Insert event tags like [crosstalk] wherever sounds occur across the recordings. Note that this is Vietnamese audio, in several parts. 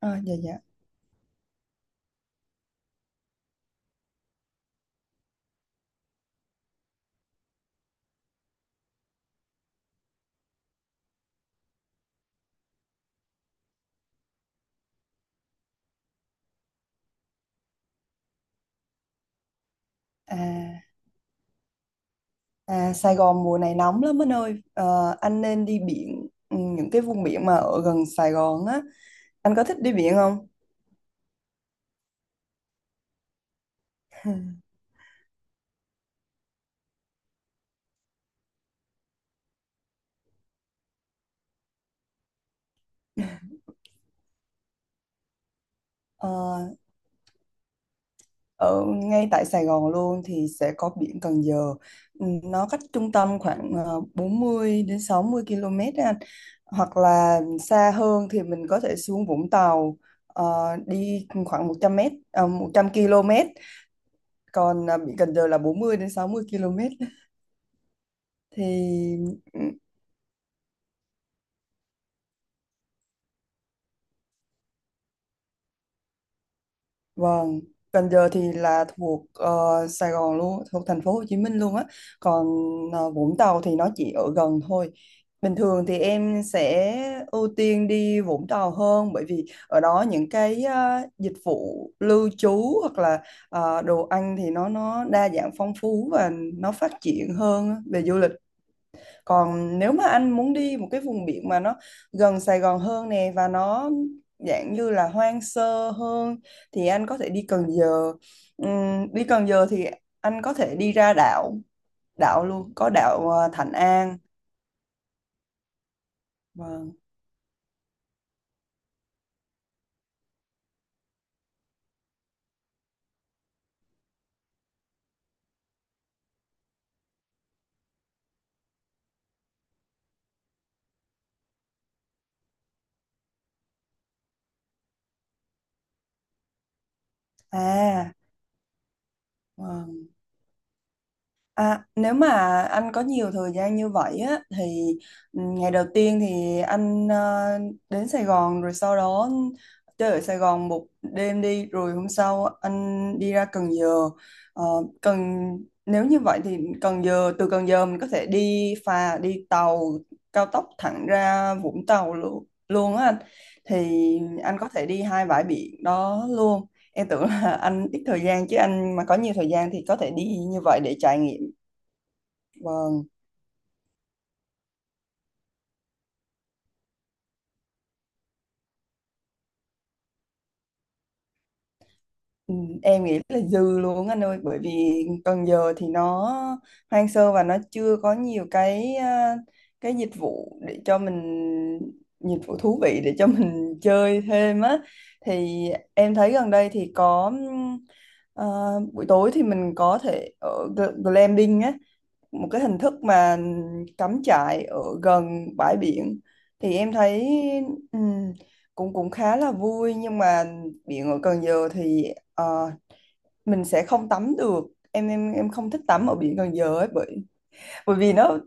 À, dạ dạ. À, à, Sài Gòn mùa này nóng lắm anh ơi. Ờ, anh nên đi biển, những cái vùng biển mà ở gần Sài Gòn á. Anh có thích đi biển không? [laughs] Ờ, ở ngay tại Sài Gòn luôn thì sẽ có biển Cần Giờ. Ừ, nó cách trung tâm khoảng 40 đến 60 km á anh. Hoặc là xa hơn thì mình có thể xuống Vũng Tàu, ờ, đi khoảng 100 m, 100 km. Còn biển Cần Giờ là 40 đến 60 km. Thì, ừ, vâng. Cần Giờ thì là thuộc Sài Gòn luôn, thuộc thành phố Hồ Chí Minh luôn á. Còn Vũng Tàu thì nó chỉ ở gần thôi. Bình thường thì em sẽ ưu tiên đi Vũng Tàu hơn, bởi vì ở đó những cái dịch vụ lưu trú hoặc là đồ ăn thì nó đa dạng, phong phú, và nó phát triển hơn á, về du lịch. Còn nếu mà anh muốn đi một cái vùng biển mà nó gần Sài Gòn hơn nè, và nó dạng như là hoang sơ hơn, thì anh có thể đi Cần Giờ. Đi Cần Giờ thì anh có thể đi ra đảo, đảo luôn, có đảo Thạnh An. Vâng. À, vâng. À, nếu mà anh có nhiều thời gian như vậy á, thì, ngày đầu tiên thì anh đến Sài Gòn rồi sau đó chơi ở Sài Gòn một đêm đi, rồi hôm sau anh đi ra Cần Giờ. Ờ, Cần Nếu như vậy thì Cần Giờ, từ Cần Giờ mình có thể đi phà, đi tàu cao tốc thẳng ra Vũng Tàu luôn, luôn á anh. Thì anh có thể đi hai bãi biển đó luôn. Em tưởng là anh ít thời gian, chứ anh mà có nhiều thời gian thì có thể đi như vậy để trải nghiệm. Vâng, ừ, em nghĩ là dư luôn anh ơi, bởi vì Cần Giờ thì nó hoang sơ và nó chưa có nhiều cái cái dịch vụ thú vị để cho mình [laughs] chơi thêm á. Thì em thấy gần đây thì có, à, buổi tối thì mình có thể ở glamping á, một cái hình thức mà cắm trại ở gần bãi biển. Thì em thấy, ừm, cũng cũng khá là vui, nhưng mà biển ở Cần Giờ thì ờ, mình sẽ không tắm được. Em không thích tắm ở biển Cần Giờ ấy, bởi bởi vì nó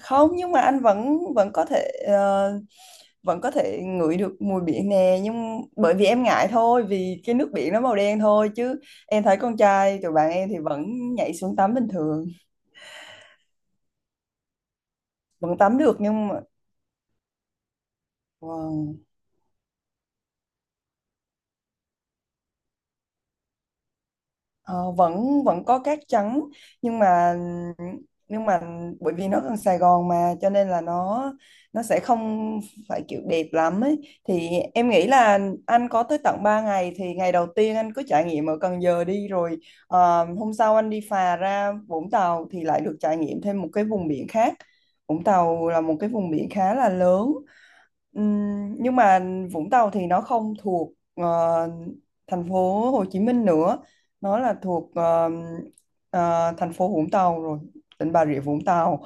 không. Nhưng mà anh vẫn vẫn có thể ngửi được mùi biển nè, nhưng bởi vì em ngại thôi, vì cái nước biển nó màu đen thôi, chứ em thấy con trai tụi bạn em thì vẫn nhảy xuống tắm bình thường. Vẫn tắm được nhưng mà. Vâng. Ờ, vẫn vẫn có cát trắng, nhưng mà, nhưng mà bởi vì nó gần Sài Gòn mà, cho nên là nó, sẽ không phải kiểu đẹp lắm ấy. Thì em nghĩ là anh có tới tận 3 ngày, thì ngày đầu tiên anh cứ trải nghiệm ở Cần Giờ đi, rồi hôm sau anh đi phà ra Vũng Tàu thì lại được trải nghiệm thêm một cái vùng biển khác. Vũng Tàu là một cái vùng biển khá là lớn. Nhưng mà Vũng Tàu thì nó không thuộc thành phố Hồ Chí Minh nữa, nó là thuộc thành phố Vũng Tàu rồi, tỉnh Bà Rịa Vũng Tàu.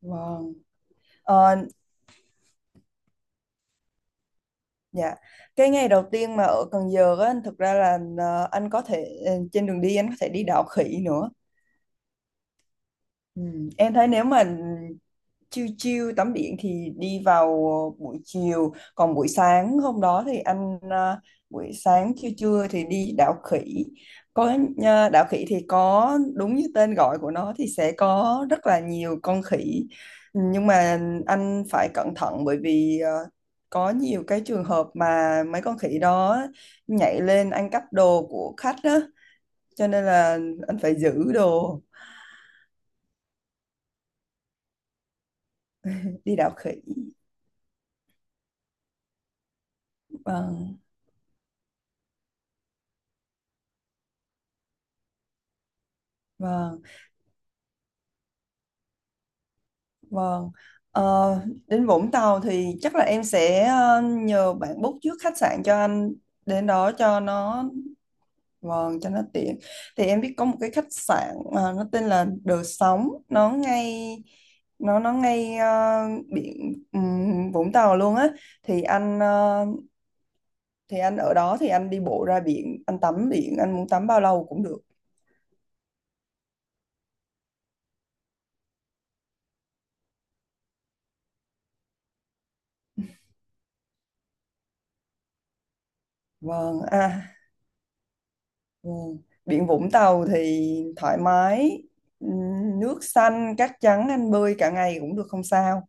Vâng. Ờ, dạ, cái ngày đầu tiên mà ở Cần Giờ á, thực ra là anh có thể ờ, trên đường đi anh có thể đi đảo khỉ nữa. Ừ. Em thấy nếu mà chiêu chiêu tắm biển thì đi vào buổi chiều, còn buổi sáng hôm đó thì buổi sáng trưa trưa thì đi đảo khỉ. Có, đảo khỉ thì có đúng như tên gọi của nó, thì sẽ có rất là nhiều con khỉ. Nhưng mà anh phải cẩn thận bởi vì có nhiều cái trường hợp mà mấy con khỉ đó nhảy lên ăn cắp đồ của khách đó, cho nên là anh phải giữ đồ, đi đảo khỉ. Vâng. Vâng, vâng. Ờ, đến Vũng Tàu thì chắc là em sẽ nhờ bạn book trước khách sạn cho anh đến đó cho nó, vâng, cho nó tiện. Thì em biết có một cái khách sạn, nó tên là Đờ Sóng, nó ngay, nó ngay biển, Vũng Tàu luôn á. Thì anh ờ, thì anh ở đó thì anh đi bộ ra biển, anh tắm biển, anh muốn tắm bao lâu cũng được. Vâng. À, ừ. Biển Vũng Tàu thì thoải mái, ừ, nước xanh, cát trắng, anh bơi cả ngày cũng được không sao.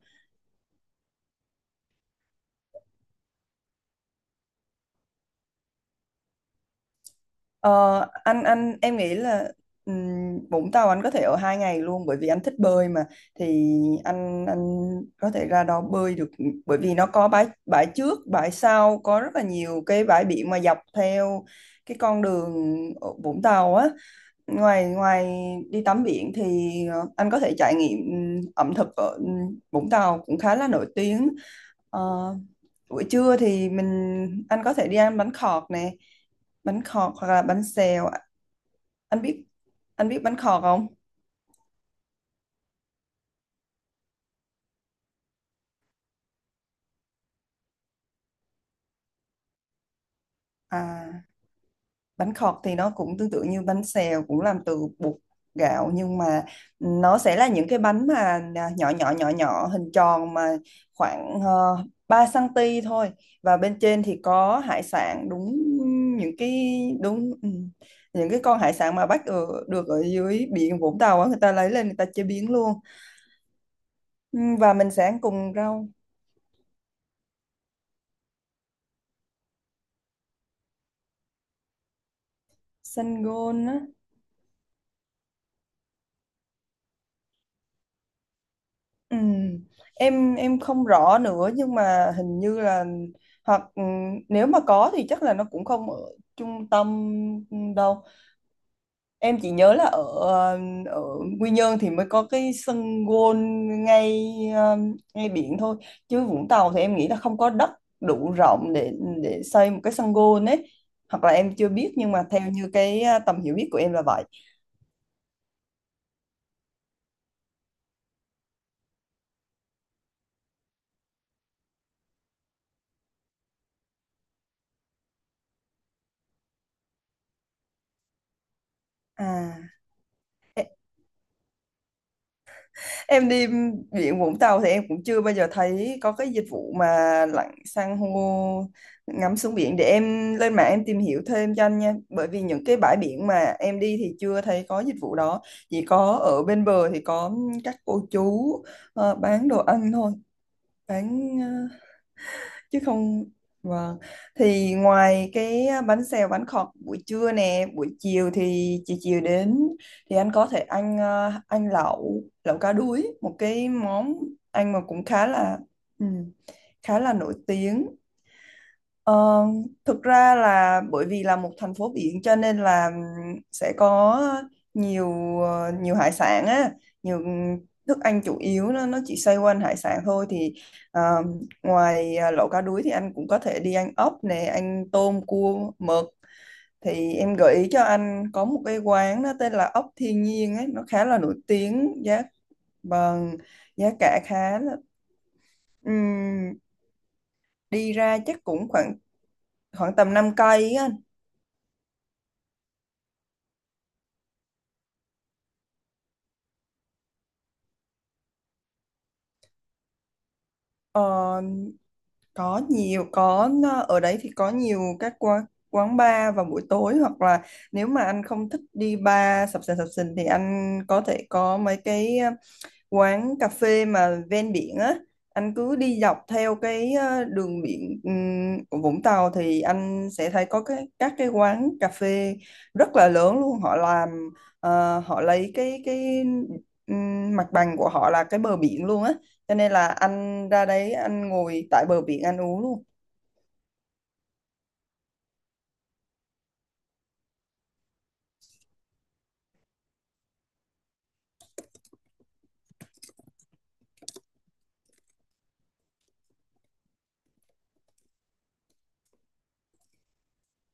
Ờ, anh em nghĩ là Vũng Tàu anh có thể ở 2 ngày luôn bởi vì anh thích bơi mà. Thì anh có thể ra đó bơi được, bởi vì nó có bãi bãi trước, bãi sau, có rất là nhiều cái bãi biển mà dọc theo cái con đường ở Vũng Tàu á. Ngoài ngoài đi tắm biển thì anh có thể trải nghiệm, ẩm thực ở Vũng Tàu cũng khá là nổi tiếng. Ờ, buổi trưa thì anh có thể đi ăn bánh khọt nè, bánh khọt hoặc là bánh xèo. anh biết anh biết bánh khọt không? à Bánh khọt thì nó cũng tương tự như bánh xèo, cũng làm từ bột gạo, nhưng mà nó sẽ là những cái bánh mà nhỏ nhỏ nhỏ nhỏ hình tròn, mà khoảng 3 cm thôi, và bên trên thì có hải sản. Đúng, những cái, đúng, những cái con hải sản mà bắt ở, được ở dưới biển Vũng Tàu á, người ta lấy lên người ta chế biến luôn. Ừ, và mình sẽ ăn cùng rau. Xanh gôn á. ừ. Em không rõ nữa nhưng mà hình như là, hoặc nếu mà có thì chắc là nó cũng không ở trung tâm đâu. Em chỉ nhớ là ở ở Quy Nhơn thì mới có cái sân gôn ngay ngay biển thôi, chứ Vũng Tàu thì em nghĩ là không có đất đủ rộng để xây một cái sân gôn ấy. Hoặc là em chưa biết nhưng mà theo như cái tầm hiểu biết của em là vậy. À em đi biển Vũng Tàu thì em cũng chưa bao giờ thấy có cái dịch vụ mà lặn san hô, ngắm xuống biển. Để em lên mạng em tìm hiểu thêm cho anh nha, bởi vì những cái bãi biển mà em đi thì chưa thấy có dịch vụ đó. Chỉ có ở bên bờ thì có các cô chú bán đồ ăn thôi, bán chứ không. Vâng. Thì ngoài cái bánh xèo, bánh khọt buổi trưa nè, buổi chiều thì chiều chiều đến thì anh có thể anh ờ, anh lẩu lẩu cá đuối, một cái món anh mà cũng khá là, ừ, khá là nổi tiếng. Ờ, thực ra là bởi vì là một thành phố biển cho nên là sẽ có nhiều, hải sản á, nhiều thức ăn chủ yếu nó chỉ xoay quanh hải sản thôi. Thì ờ, ngoài lẩu cá đuối thì anh cũng có thể đi ăn ốc nè, ăn tôm, cua, mực. Thì em gợi ý cho anh có một cái quán nó tên là Ốc Thiên Nhiên ấy, nó khá là nổi tiếng, bằng giá cả khá là, ừm, đi ra chắc cũng khoảng, tầm 5 cây á anh. Ờ, có nhiều có ờ, ở đấy thì có nhiều các quán quán bar vào buổi tối, hoặc là nếu mà anh không thích đi bar sập sình thì anh có thể có mấy cái quán cà phê mà ven biển á. Anh cứ đi dọc theo cái đường biển, của Vũng Tàu thì anh sẽ thấy có các cái quán cà phê rất là lớn luôn. Họ làm họ lấy cái, mặt bằng của họ là cái bờ biển luôn á, cho nên là anh ra đấy anh ngồi tại bờ biển anh uống luôn.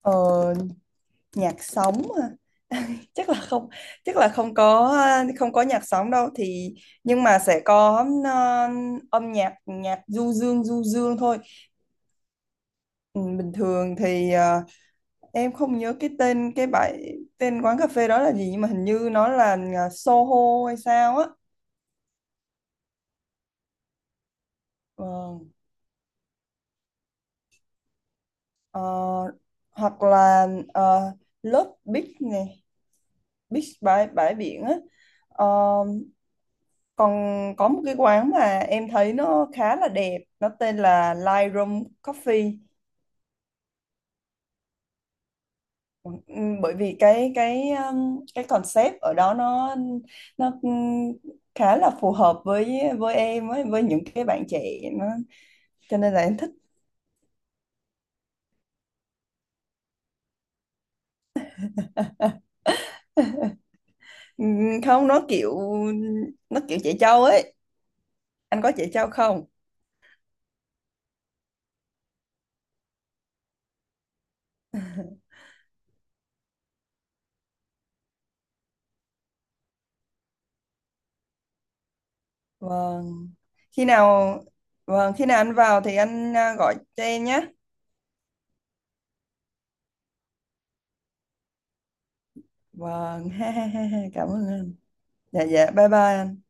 Ờ, nhạc sống hả? Chắc là không, chắc là không có, không có nhạc sống đâu. Thì, nhưng mà sẽ có âm nhạc nhạc du dương thôi. Ừ, bình thường thì em không nhớ cái tên, cái bãi tên quán cà phê đó là gì, nhưng mà hình như nó là Soho hay sao á. Ờ, ờ, hoặc là ờ, Love Beach này. Beach, bãi bãi biển á. Ờ, còn có một cái quán mà em thấy nó khá là đẹp, nó tên là Lightroom Coffee. Ừ, ừ, bởi vì cái, concept ở đó nó, nó um, khá là phù hợp với, em với, những cái bạn trẻ, nó cho nên là em thích. Không, nó kiểu, trẻ trâu ấy. Anh có trẻ trâu không? Vâng khi nào vâng khi nào anh vào thì anh gọi cho em nhé. Vâng. [laughs] Ha ha ha ha. Cảm ơn anh. Dạ dạ, bye bye anh.